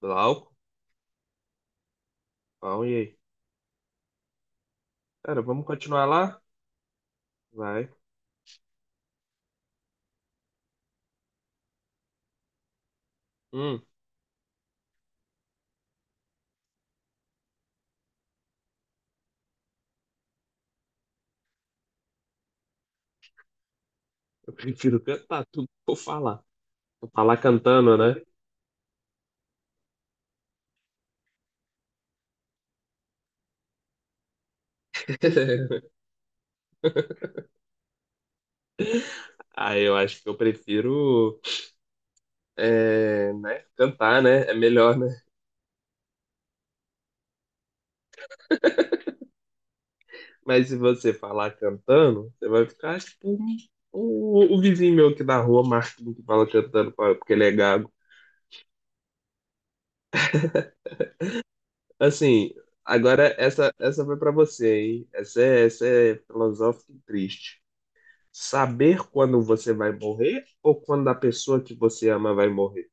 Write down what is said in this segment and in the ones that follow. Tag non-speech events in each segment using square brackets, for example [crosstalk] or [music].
Glauco, pau, e aí? Cara, vamos continuar lá? Vai. Hum, eu prefiro cantar tudo que eu falar. Eu falar cantando, né? [laughs] Ah, eu acho que eu prefiro, é, né, cantar, né? É melhor, né? Mas se você falar cantando, você vai ficar tipo o vizinho meu aqui da rua, Marquinhos, que fala cantando pra- porque ele é gago. [laughs] Assim, agora essa foi pra você, hein? Essa é filosófica e triste. Saber quando você vai morrer ou quando a pessoa que você ama vai morrer?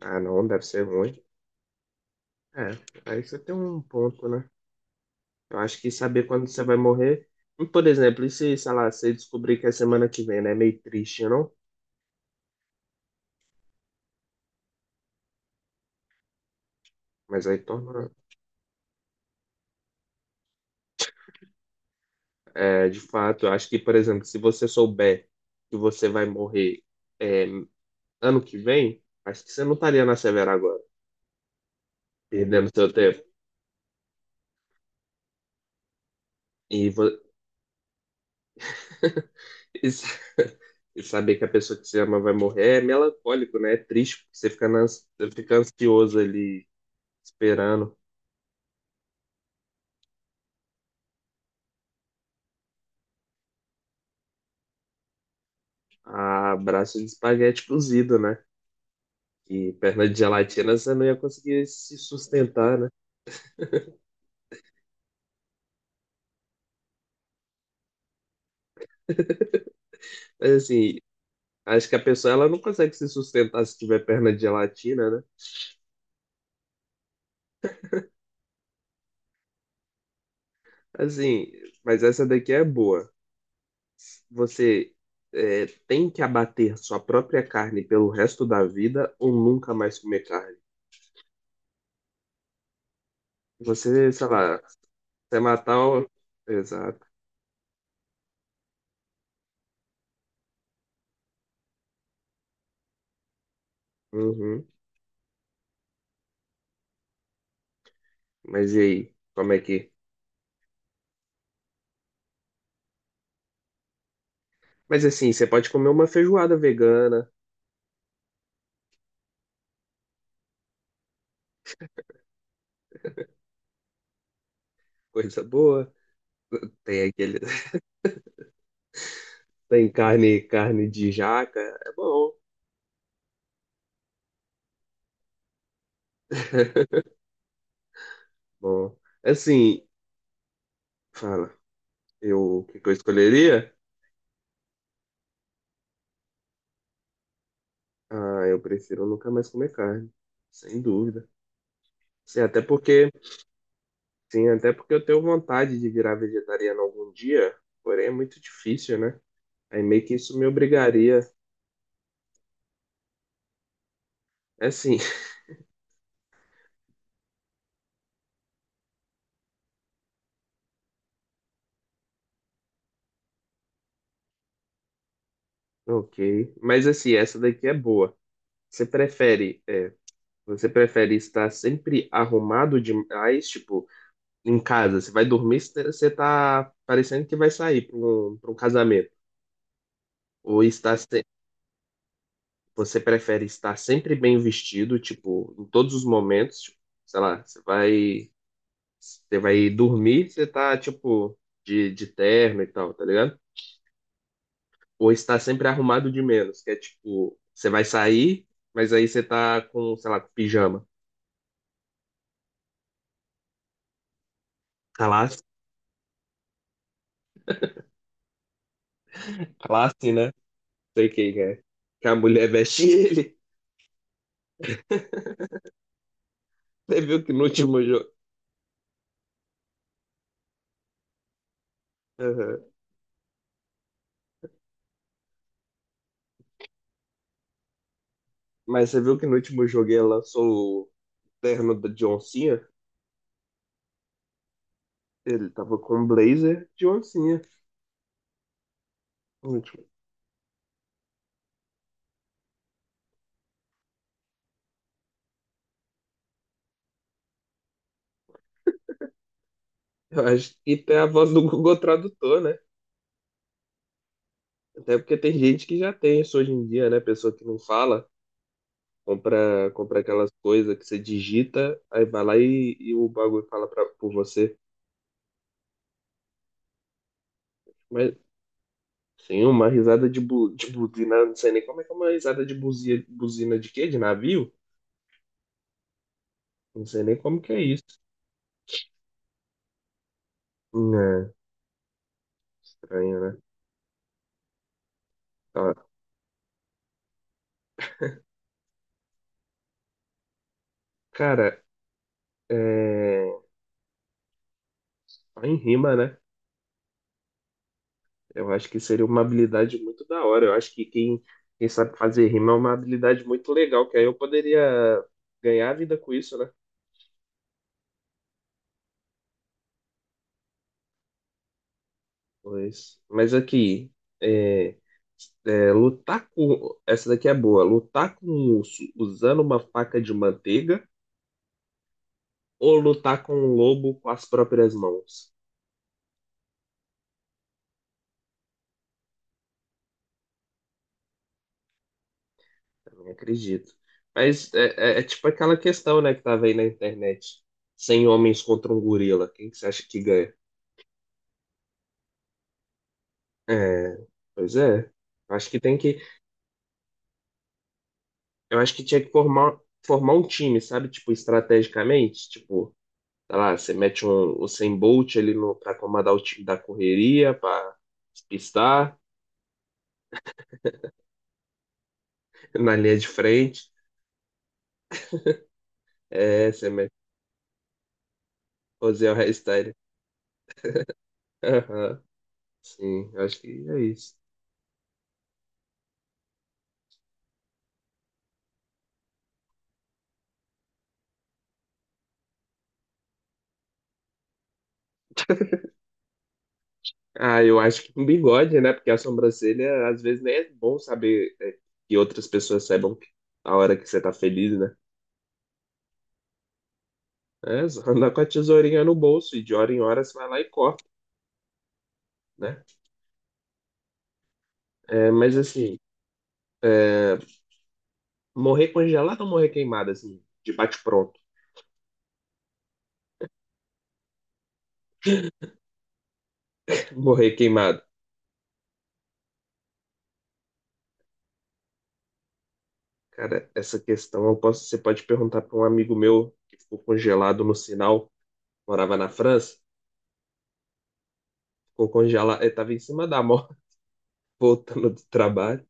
Ah, não, deve ser ruim. É, aí você tem um ponto, né? Eu acho que saber quando você vai morrer. E, por exemplo, e se, sei lá, você descobrir que é semana que vem, né? É meio triste, não? Mas aí torna. É, de fato, eu acho que, por exemplo, se você souber que você vai morrer é, ano que vem, acho que você não estaria na Severa agora, perdendo seu tempo. E, vo- [laughs] E, sa- e saber que a pessoa que você ama vai morrer é melancólico, né? É triste, porque você fica, você fica ansioso ali, esperando. A braço de espaguete cozido, né? E perna de gelatina você não ia conseguir se sustentar, né? Mas assim, acho que a pessoa ela não consegue se sustentar se tiver perna de gelatina, né? Assim, mas essa daqui é boa. Você é, tem que abater sua própria carne pelo resto da vida ou nunca mais comer carne? Você, sei lá, você matar o. Exato. Uhum. Mas e aí? Como é que. Mas assim, você pode comer uma feijoada vegana, coisa boa. Tem aquele. [laughs] Tem carne, carne de jaca. É bom. [laughs] Bom. Assim, fala. Eu, o que eu escolheria? Ah, eu prefiro nunca mais comer carne. Sem dúvida. Sim, até porque. Sim, até porque eu tenho vontade de virar vegetariano algum dia. Porém, é muito difícil, né? Aí meio que isso me obrigaria. É assim. Ok, mas assim, essa daqui é boa. Você prefere, é, você prefere estar sempre arrumado demais, tipo, em casa? Você vai dormir, você tá parecendo que vai sair para um, pra um casamento. Ou está se- Você prefere estar sempre bem vestido, tipo, em todos os momentos, tipo, sei lá, você vai dormir, você tá, tipo, de terno e tal, tá ligado? Ou estar sempre arrumado de menos, que é tipo, você vai sair, mas aí você tá com, sei lá, com pijama. Classe, classe, né? Sei quem que é. Que a mulher veste [laughs] ele. Você viu que no último jogo. Aham. Mas você viu que no último jogo ela lançou o terno da John Cena? Ele tava com um blazer de oncinha. No último. Eu acho que tem a voz do Google Tradutor, né? Até porque tem gente que já tem isso hoje em dia, né? Pessoa que não fala, compra, compra aquelas coisas que você digita, aí vai lá e o bagulho fala pra, por você. Mas sim, uma risada de, bu de buzina, não sei nem como é que é uma risada de buzia buzina de quê? De navio? Não sei nem como que é isso. É, estranho, né? Ó, cara, é... só em rima, né? Eu acho que seria uma habilidade muito da hora. Eu acho que quem sabe fazer rima é uma habilidade muito legal, que aí eu poderia ganhar a vida com isso, né? Pois. Mas aqui, é... É, lutar com. Essa daqui é boa. Lutar com um urso usando uma faca de manteiga ou lutar com um lobo com as próprias mãos. Eu não acredito. Mas é, é tipo aquela questão, né, que tava aí na internet. 100 homens contra um gorila. Quem que você acha que ganha? É, pois é. Eu acho que tem que. Eu acho que formar um time, sabe? Tipo, estrategicamente. Tipo, sei lá, você mete um, o 100 Bolt ali no, pra comandar o time da correria, pra despistar [laughs] na linha de frente. É, você mete o Zé Hellstein. Aham, sim, eu acho que é isso. Ah, eu acho que com bigode, né? Porque a sobrancelha, às vezes, nem é bom saber é, que outras pessoas saibam que- a hora que você tá feliz, né? É, só andar com a tesourinha no bolso e de hora em hora você vai lá e corta, né? É, mas assim, é, morrer congelado ou morrer queimado, assim, de bate-pronto? [laughs] Morrer queimado. Cara, essa questão eu posso, você pode perguntar para um amigo meu que ficou congelado no sinal, morava na França, ficou congelado, ele tava em cima da moto, [laughs] voltando do trabalho.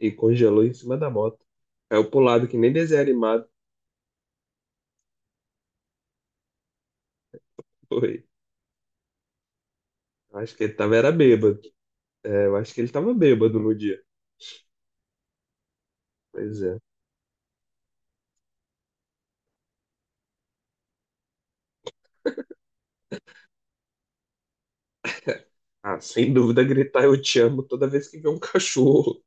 E congelou em cima da moto. Caiu pro lado que nem desenho animado. Foi. Acho que ele tava era bêbado. É, eu acho que ele tava bêbado no dia. Pois é. Ah, sem dúvida gritar eu te amo toda vez que vê um cachorro.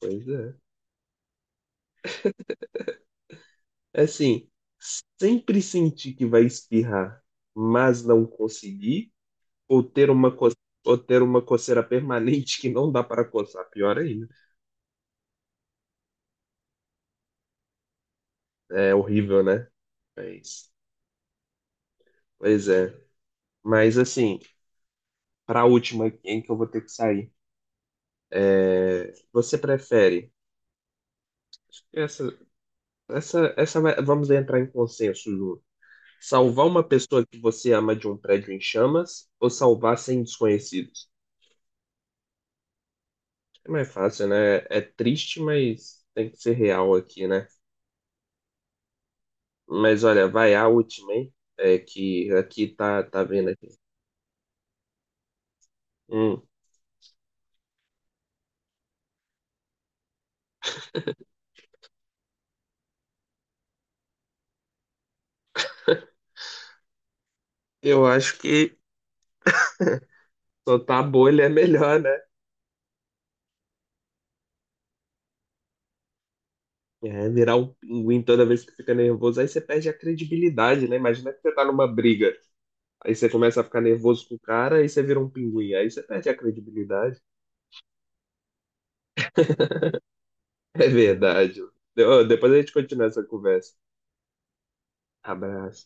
Pois é. É assim, sempre sentir que vai espirrar, mas não conseguir, ou ter uma coceira, ou ter uma coceira permanente que não dá para coçar. Pior ainda. É horrível, né? Mas, pois é. Mas assim, para a última aqui, hein, que eu vou ter que sair. É, você prefere essa, vamos entrar em consenso, Ju. Salvar uma pessoa que você ama de um prédio em chamas ou salvar 100 desconhecidos? É mais fácil, né? É triste, mas tem que ser real aqui, né? Mas olha, vai a última, hein? É que aqui tá, tá vendo aqui. Hum, eu acho que [laughs] soltar a bolha é melhor, né? É, virar um pinguim toda vez que fica nervoso, aí você perde a credibilidade, né? Imagina que você tá numa briga. Aí você começa a ficar nervoso com o cara, aí você vira um pinguim, aí você perde a credibilidade. [laughs] É verdade. Ó, depois a gente continua essa conversa. Abraço.